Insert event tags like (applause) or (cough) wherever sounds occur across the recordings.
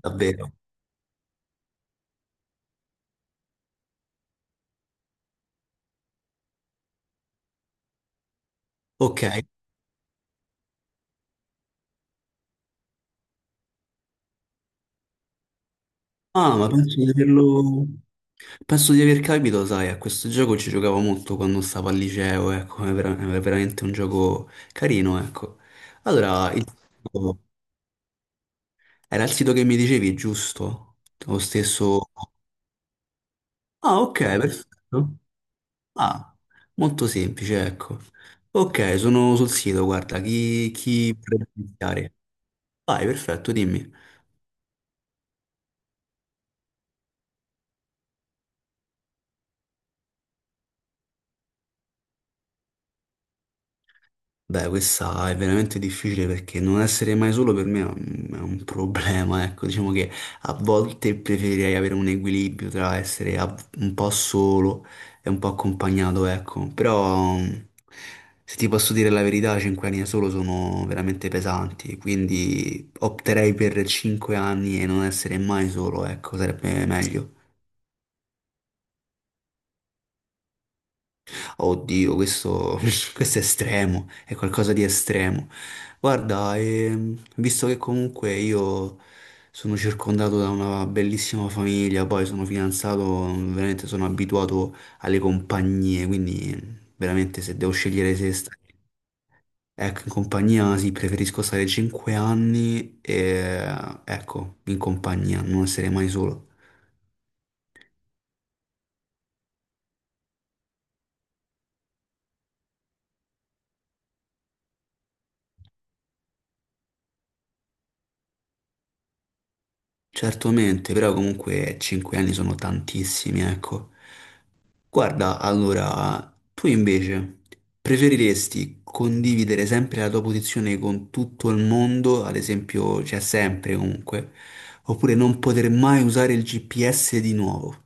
Davvero? Ok. Ah, ma penso di averlo... Penso di aver capito, sai, a questo gioco ci giocavo molto quando stavo al liceo, ecco, è, è veramente un gioco carino, ecco. Allora, il... era il sito che mi dicevi, giusto? Lo stesso... Ah, ok, perfetto. Ah, molto semplice, ecco. Ok, sono sul sito, guarda, chi vuole iniziare? Vai, perfetto, dimmi. Beh, questa è veramente difficile perché non essere mai solo per me è è un problema, ecco, diciamo che a volte preferirei avere un equilibrio tra essere un po' solo e un po' accompagnato, ecco, però se ti posso dire la verità, 5 anni da solo sono veramente pesanti, quindi opterei per 5 anni e non essere mai solo, ecco, sarebbe meglio. Oddio, questo, (laughs) questo è estremo, è qualcosa di estremo. Guarda, visto che comunque io sono circondato da una bellissima famiglia, poi sono fidanzato, veramente sono abituato alle compagnie, quindi veramente se devo scegliere se stare, ecco, in compagnia sì, preferisco stare 5 anni e ecco, in compagnia, non essere mai solo. Certamente, però comunque 5 anni sono tantissimi, ecco. Guarda, allora, tu invece preferiresti condividere sempre la tua posizione con tutto il mondo, ad esempio, cioè sempre comunque, oppure non poter mai usare il GPS di nuovo?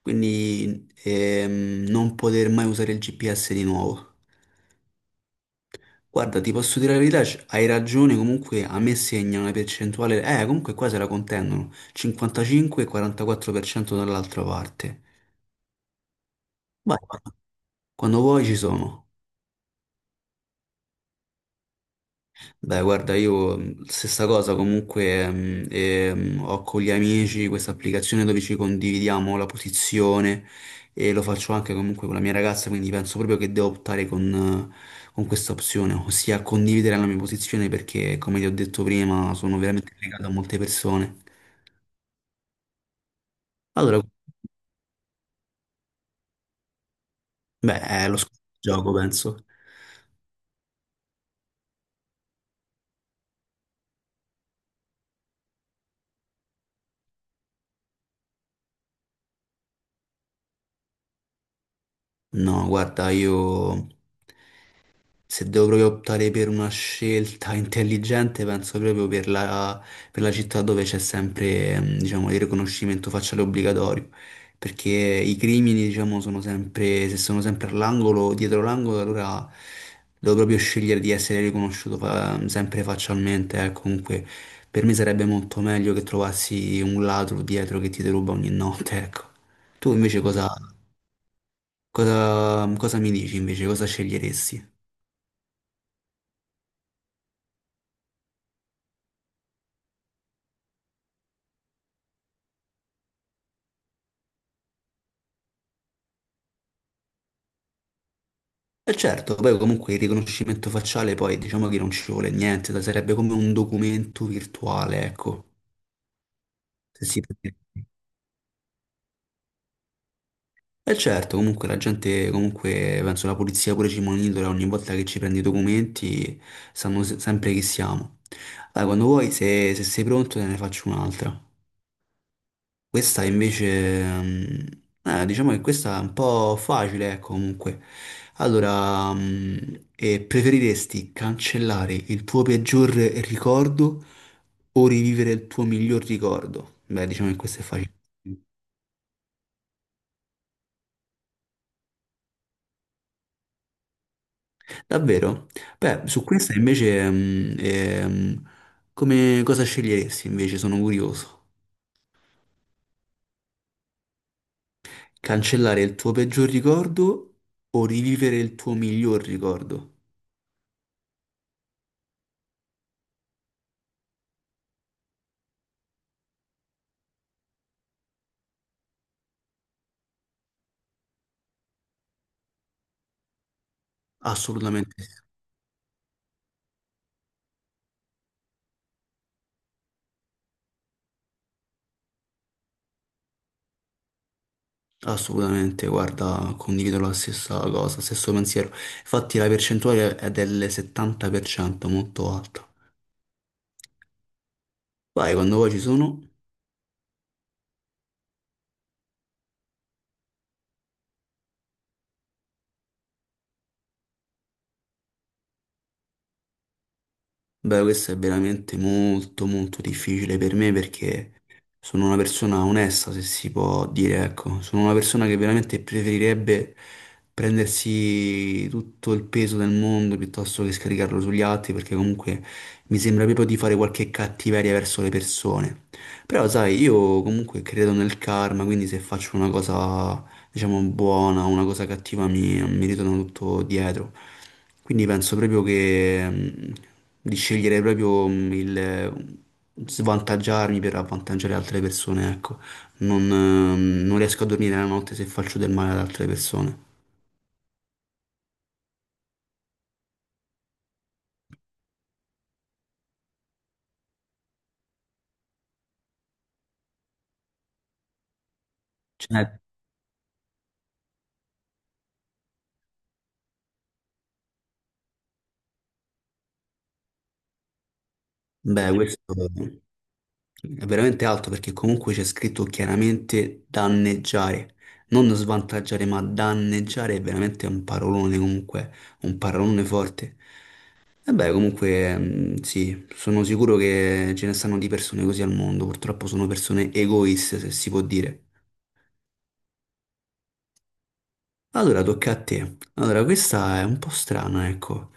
Quindi non poter mai usare il GPS di nuovo. Guarda, ti posso dire la verità, hai ragione, comunque a me segna una percentuale, comunque qua se la contendono, 55 e 44% dall'altra parte. Vai, quando vuoi ci sono. Beh, guarda, io, stessa cosa comunque ho con gli amici questa applicazione dove ci condividiamo la posizione e lo faccio anche comunque con la mia ragazza, quindi penso proprio che devo optare con questa opzione, ossia condividere la mia posizione perché, come ti ho detto prima, sono veramente legato a molte persone. Allora, beh, è lo scopo del gioco, penso. No, guarda, io. Se devo proprio optare per una scelta intelligente, penso proprio per per la città dove c'è sempre, diciamo, il riconoscimento facciale obbligatorio, perché i crimini, diciamo, sono sempre, se sono sempre all'angolo, dietro l'angolo, allora devo proprio scegliere di essere riconosciuto sempre faccialmente, eh. Comunque, per me sarebbe molto meglio che trovassi un ladro dietro che ti deruba ogni notte, ecco. Tu invece cosa mi dici invece, cosa sceglieresti? E certo, poi comunque il riconoscimento facciale poi diciamo che non ci vuole niente, sarebbe come un documento virtuale, ecco, se si può dire. E certo, comunque la gente, comunque penso la polizia pure ci monitora ogni volta che ci prendi i documenti, sanno sempre chi siamo. Allora, quando vuoi, se sei pronto, te ne faccio un'altra. Questa invece, diciamo che questa è un po' facile, ecco, comunque. Allora, preferiresti cancellare il tuo peggior ricordo o rivivere il tuo miglior ricordo? Beh, diciamo che questo è facile. Davvero? Beh, su questa invece, come cosa sceglieresti invece? Sono curioso. Cancellare il tuo peggior ricordo o rivivere il tuo miglior ricordo? Assolutamente sì. Assolutamente, guarda, condivido la stessa cosa, stesso pensiero. Infatti la percentuale è del 70%, molto alta. Vai, quando vuoi ci sono. Beh, questo è veramente molto molto difficile per me perché sono una persona onesta, se si può dire, ecco. Sono una persona che veramente preferirebbe prendersi tutto il peso del mondo piuttosto che scaricarlo sugli altri, perché comunque mi sembra proprio di fare qualche cattiveria verso le persone. Però, sai, io comunque credo nel karma, quindi se faccio una cosa diciamo, buona, o una cosa cattiva mi ritorna tutto dietro. Quindi penso proprio che di scegliere proprio il svantaggiarmi per avvantaggiare altre persone, ecco. Non riesco a dormire la notte se faccio del male ad altre persone. Cioè, beh, questo è veramente alto perché comunque c'è scritto chiaramente danneggiare. Non svantaggiare, ma danneggiare è veramente un parolone comunque, un parolone forte. E beh, comunque, sì, sono sicuro che ce ne stanno di persone così al mondo, purtroppo sono persone egoiste, se si può dire. Allora, tocca a te. Allora, questa è un po' strana, ecco.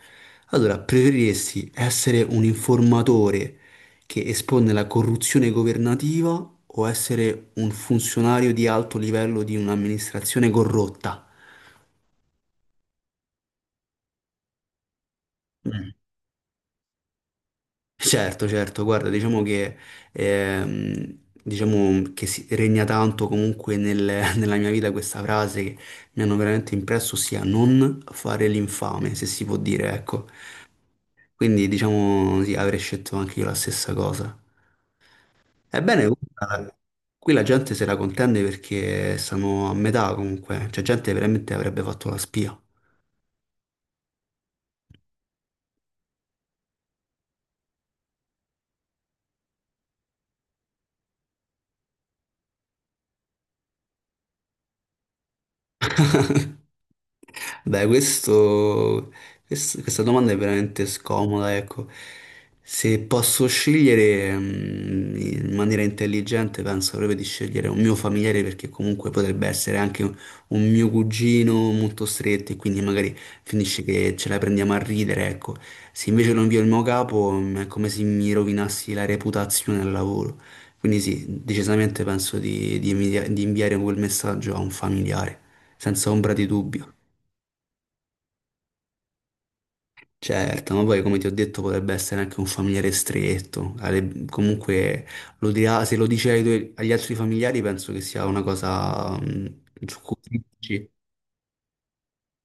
Allora, preferiresti essere un informatore che espone la corruzione governativa o essere un funzionario di alto livello di un'amministrazione corrotta? Certo, certo, guarda, ehm, diciamo che regna tanto comunque (laughs) nella mia vita questa frase che mi hanno veramente impresso, ossia non fare l'infame, se si può dire, ecco. Quindi diciamo sì, avrei scelto anche io la stessa cosa. Ebbene, guarda, qui la gente se la contende perché stanno a metà comunque, cioè gente veramente avrebbe fatto la spia. Dai, questo, questa domanda è veramente scomoda, ecco. Se posso scegliere in maniera intelligente, penso proprio di scegliere un mio familiare perché comunque potrebbe essere anche un mio cugino molto stretto e quindi magari finisce che ce la prendiamo a ridere, ecco. Se invece lo invio il mio capo, è come se mi rovinassi la reputazione al lavoro. Quindi sì, decisamente penso di inviare quel messaggio a un familiare, senza ombra di dubbio. Certo, ma poi come ti ho detto potrebbe essere anche un familiare stretto, comunque lo dirà, se lo dice agli altri familiari penso che sia una cosa su cui dici.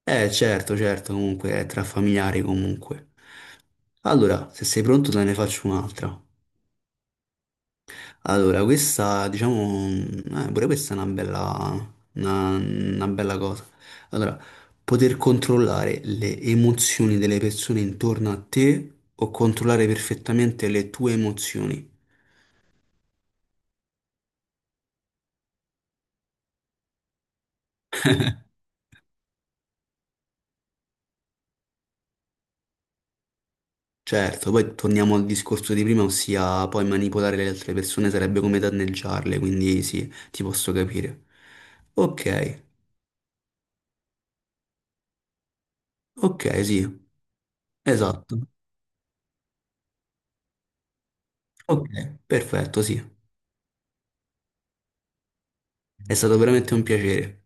Eh certo, certo, comunque è tra familiari comunque. Allora, se sei pronto te ne faccio un'altra. Allora, questa, diciamo, pure questa è una bella, una bella cosa. Allora, poter controllare le emozioni delle persone intorno a te o controllare perfettamente le tue emozioni. Certo, poi torniamo al discorso di prima, ossia poi manipolare le altre persone sarebbe come danneggiarle, quindi sì, ti posso capire. Ok, ok, sì, esatto. Ok, perfetto, sì. È stato veramente un piacere.